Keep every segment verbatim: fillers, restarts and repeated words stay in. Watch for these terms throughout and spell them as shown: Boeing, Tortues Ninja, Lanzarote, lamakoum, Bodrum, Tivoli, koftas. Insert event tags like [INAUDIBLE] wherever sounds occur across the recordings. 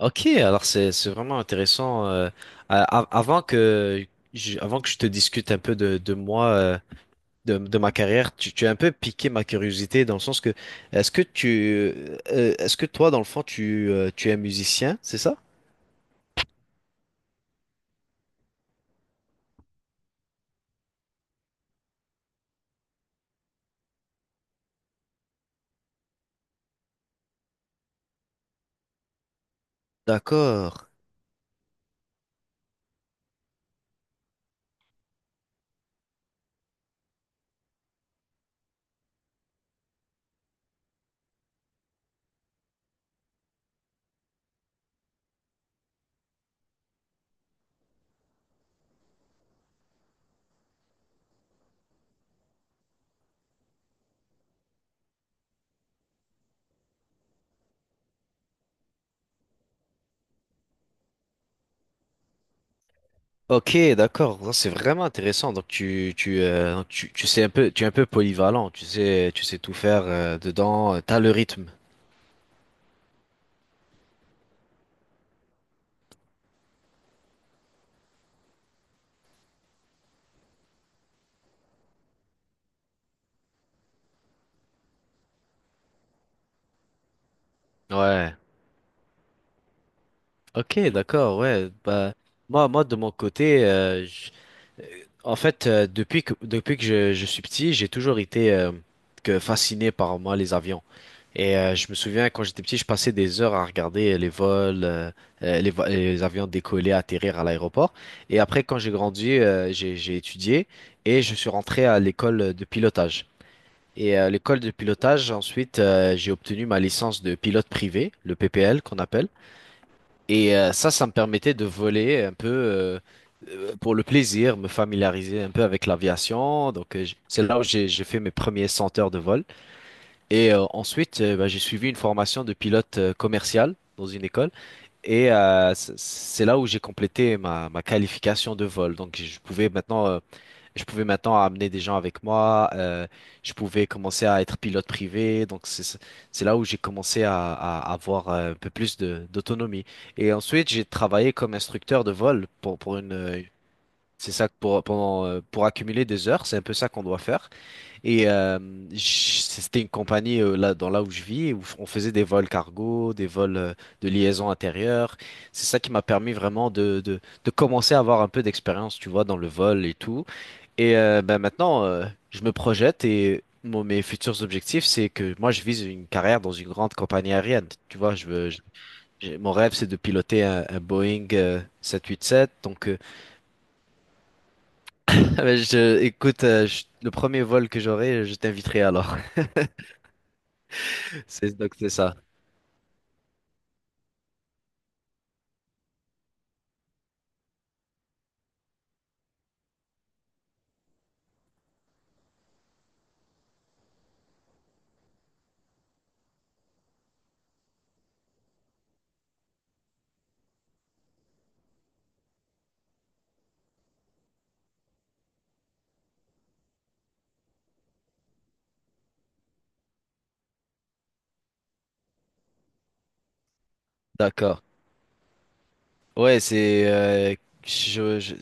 Ok, alors c'est c'est vraiment intéressant. euh, a- a- avant que je, avant que je te discute un peu de, de moi, euh, de, de ma carrière, tu, tu as un peu piqué ma curiosité dans le sens que est-ce que tu euh, euh, est-ce que toi dans le fond tu euh, tu es musicien, c'est ça? D'accord. Ok, d'accord. Non, c'est vraiment intéressant. Donc tu tu, euh, donc tu tu sais un peu tu es un peu polyvalent. Tu sais tu sais tout faire euh, dedans. euh, T'as le rythme. Ouais. Ok, d'accord. Ouais. Bah moi moi de mon côté. En fait, euh, depuis que, depuis que je, je suis petit, j'ai toujours été euh, que fasciné par moi les avions. Et euh, je me souviens quand j'étais petit, je passais des heures à regarder euh, les vols, euh, euh, les, vo- les avions décoller, atterrir à l'aéroport. Et après, quand j'ai grandi, euh, j'ai, j'ai étudié et je suis rentré à l'école de pilotage. Et à l'école de pilotage, ensuite, euh, j'ai obtenu ma licence de pilote privé, le P P L qu'on appelle. Et euh, ça, ça me permettait de voler un peu euh, euh, pour le plaisir, me familiariser un peu avec l'aviation. Donc, euh, j- c'est là où j'ai j'ai fait mes premiers cent heures de vol. Et euh, ensuite, euh, bah, j'ai suivi une formation de pilote euh, commercial dans une école. Et euh, c- c'est là où j'ai complété ma, ma qualification de vol. Donc, je pouvais maintenant euh, je pouvais maintenant amener des gens avec moi, euh, je pouvais commencer à être pilote privé, donc c'est c'est là où j'ai commencé à, à avoir euh, un peu plus de d'autonomie. Et ensuite, j'ai travaillé comme instructeur de vol pour pour une euh, c'est ça que pour pendant euh, pour accumuler des heures, c'est un peu ça qu'on doit faire. Et euh, j- c'était une compagnie euh, là dans là où je vis où on faisait des vols cargo, des vols euh, de liaison intérieure. C'est ça qui m'a permis vraiment de de de commencer à avoir un peu d'expérience, tu vois, dans le vol et tout. Et euh, bah, maintenant, euh, je me projette et mon- mes futurs objectifs, c'est que moi, je vise une carrière dans une grande compagnie aérienne. Tu vois, je veux, je- j'ai- mon rêve, c'est de piloter un, un Boeing euh, sept cent quatre-vingt-sept. Donc, euh, [LAUGHS] bah, je, écoute, euh, je- le premier vol que j'aurai, je t'inviterai alors. [LAUGHS] C'est, donc, c'est ça. D'accord. Ouais, c'est euh, je, je-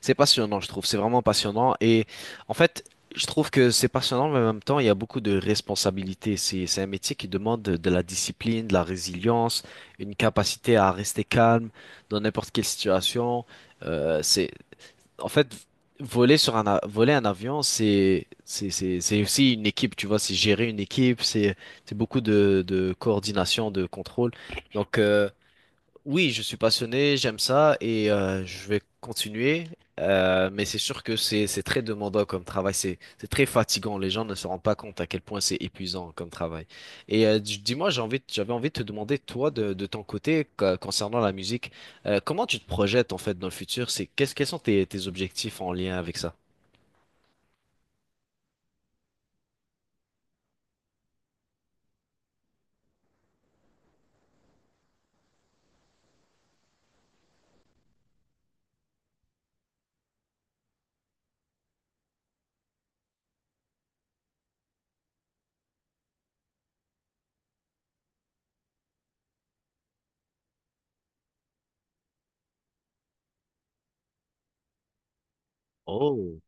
c'est passionnant, je trouve. C'est vraiment passionnant. Et en fait, je trouve que c'est passionnant, mais en même temps, il y a beaucoup de responsabilités. C'est, c'est un métier qui demande de, de la discipline, de la résilience, une capacité à rester calme dans n'importe quelle situation. Euh, c'est, en fait, voler sur un, a- voler un avion, c'est, c'est, c'est, c'est aussi une équipe, tu vois. C'est gérer une équipe, c'est, c'est beaucoup de, de coordination, de contrôle. Donc, euh, oui, je suis passionné, j'aime ça et euh, je vais continuer. Euh, mais c'est sûr que c'est c'est très demandant comme travail, c'est c'est très fatigant. Les gens ne se rendent pas compte à quel point c'est épuisant comme travail. Et euh, dis- dis-moi, j'ai envie, de- j'avais envie de te demander toi de, de ton côté co- concernant la musique, euh, comment tu te projettes en fait dans le futur? C'est qu'est-ce quels sont tes, tes objectifs en lien avec ça? Oh.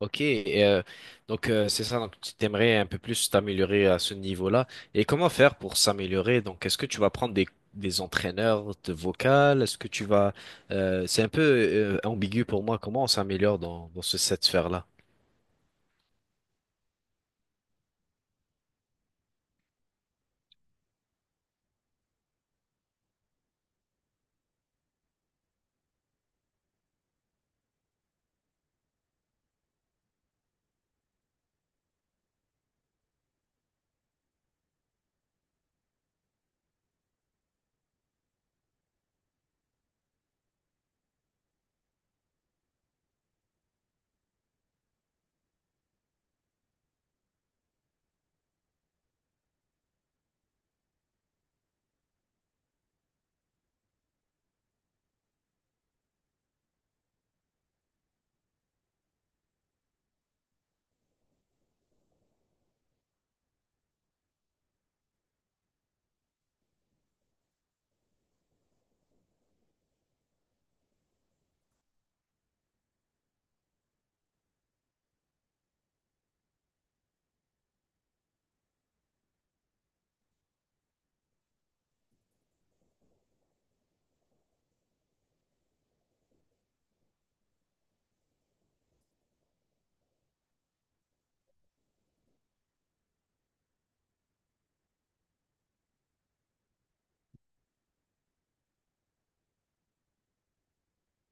Ok, et, euh, donc euh, c'est ça, donc tu t'aimerais un peu plus t'améliorer à ce niveau-là. Et comment faire pour s'améliorer? Donc est-ce que tu vas prendre des, des entraîneurs de vocal? Est-ce que tu vas... euh, c'est un peu euh, ambigu pour moi, comment on s'améliore dans, dans ce, cette sphère-là?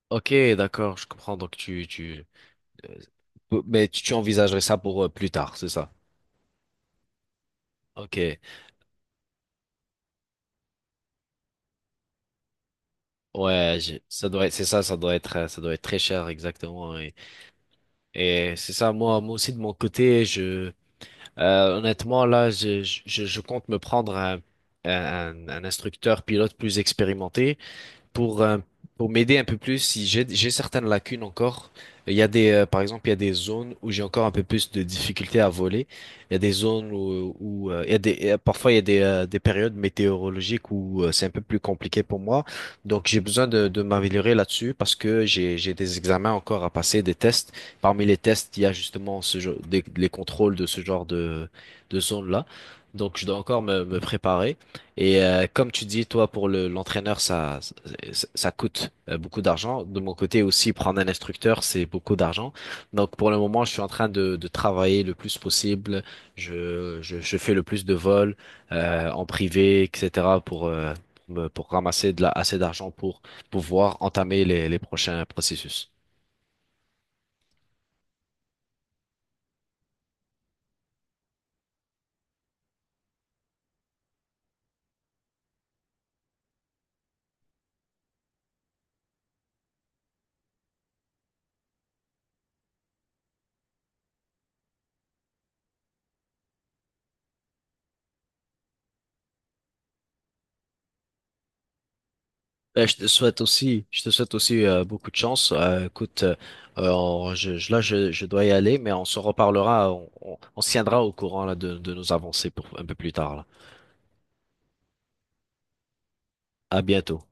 Ok, d'accord, je comprends, donc tu... tu... euh, mais tu tu envisagerais ça pour euh, plus tard, c'est ça? Ok, ouais, je- ça doit être, c'est ça, ça doit être, euh, ça doit être très cher, exactement. Et, et c'est ça, moi, moi aussi de mon côté, je, euh, honnêtement, là, je, je, je compte me prendre un, un, un instructeur pilote plus expérimenté. Pour, euh, pour m'aider un peu plus si j'ai j'ai certaines lacunes encore. Il y a des, euh, par exemple, il y a des zones où j'ai encore un peu plus de difficultés à voler. Il y a des zones où, où, euh, il y a des, euh, parfois il y a des, euh, des périodes météorologiques où euh, c'est un peu plus compliqué pour moi. Donc j'ai besoin de, de m'améliorer là-dessus parce que j'ai, j'ai des examens encore à passer, des tests. Parmi les tests, il y a justement ce, genre- des- les contrôles de ce genre de, de zones-là. Donc je dois encore me, me préparer. Et euh, comme tu dis, toi, pour le, l'entraîneur, ça, ça, ça coûte euh, beaucoup d'argent. De mon côté aussi, prendre un instructeur, c'est beaucoup d'argent. Donc pour le moment, je suis en train de, de travailler le plus possible. Je, je, je fais le plus de vols euh, en privé, et cætera pour, euh, pour, me- pour ramasser de la, assez d'argent pour pouvoir entamer les, les prochains processus. Ben, je te souhaite aussi, je te souhaite aussi euh, beaucoup de chance. Euh, écoute, euh, euh, on- je, je- là, je, je dois y aller, mais on se reparlera, on, on, on se tiendra au courant là, de, de nos avancées pour un peu plus tard, là. À bientôt.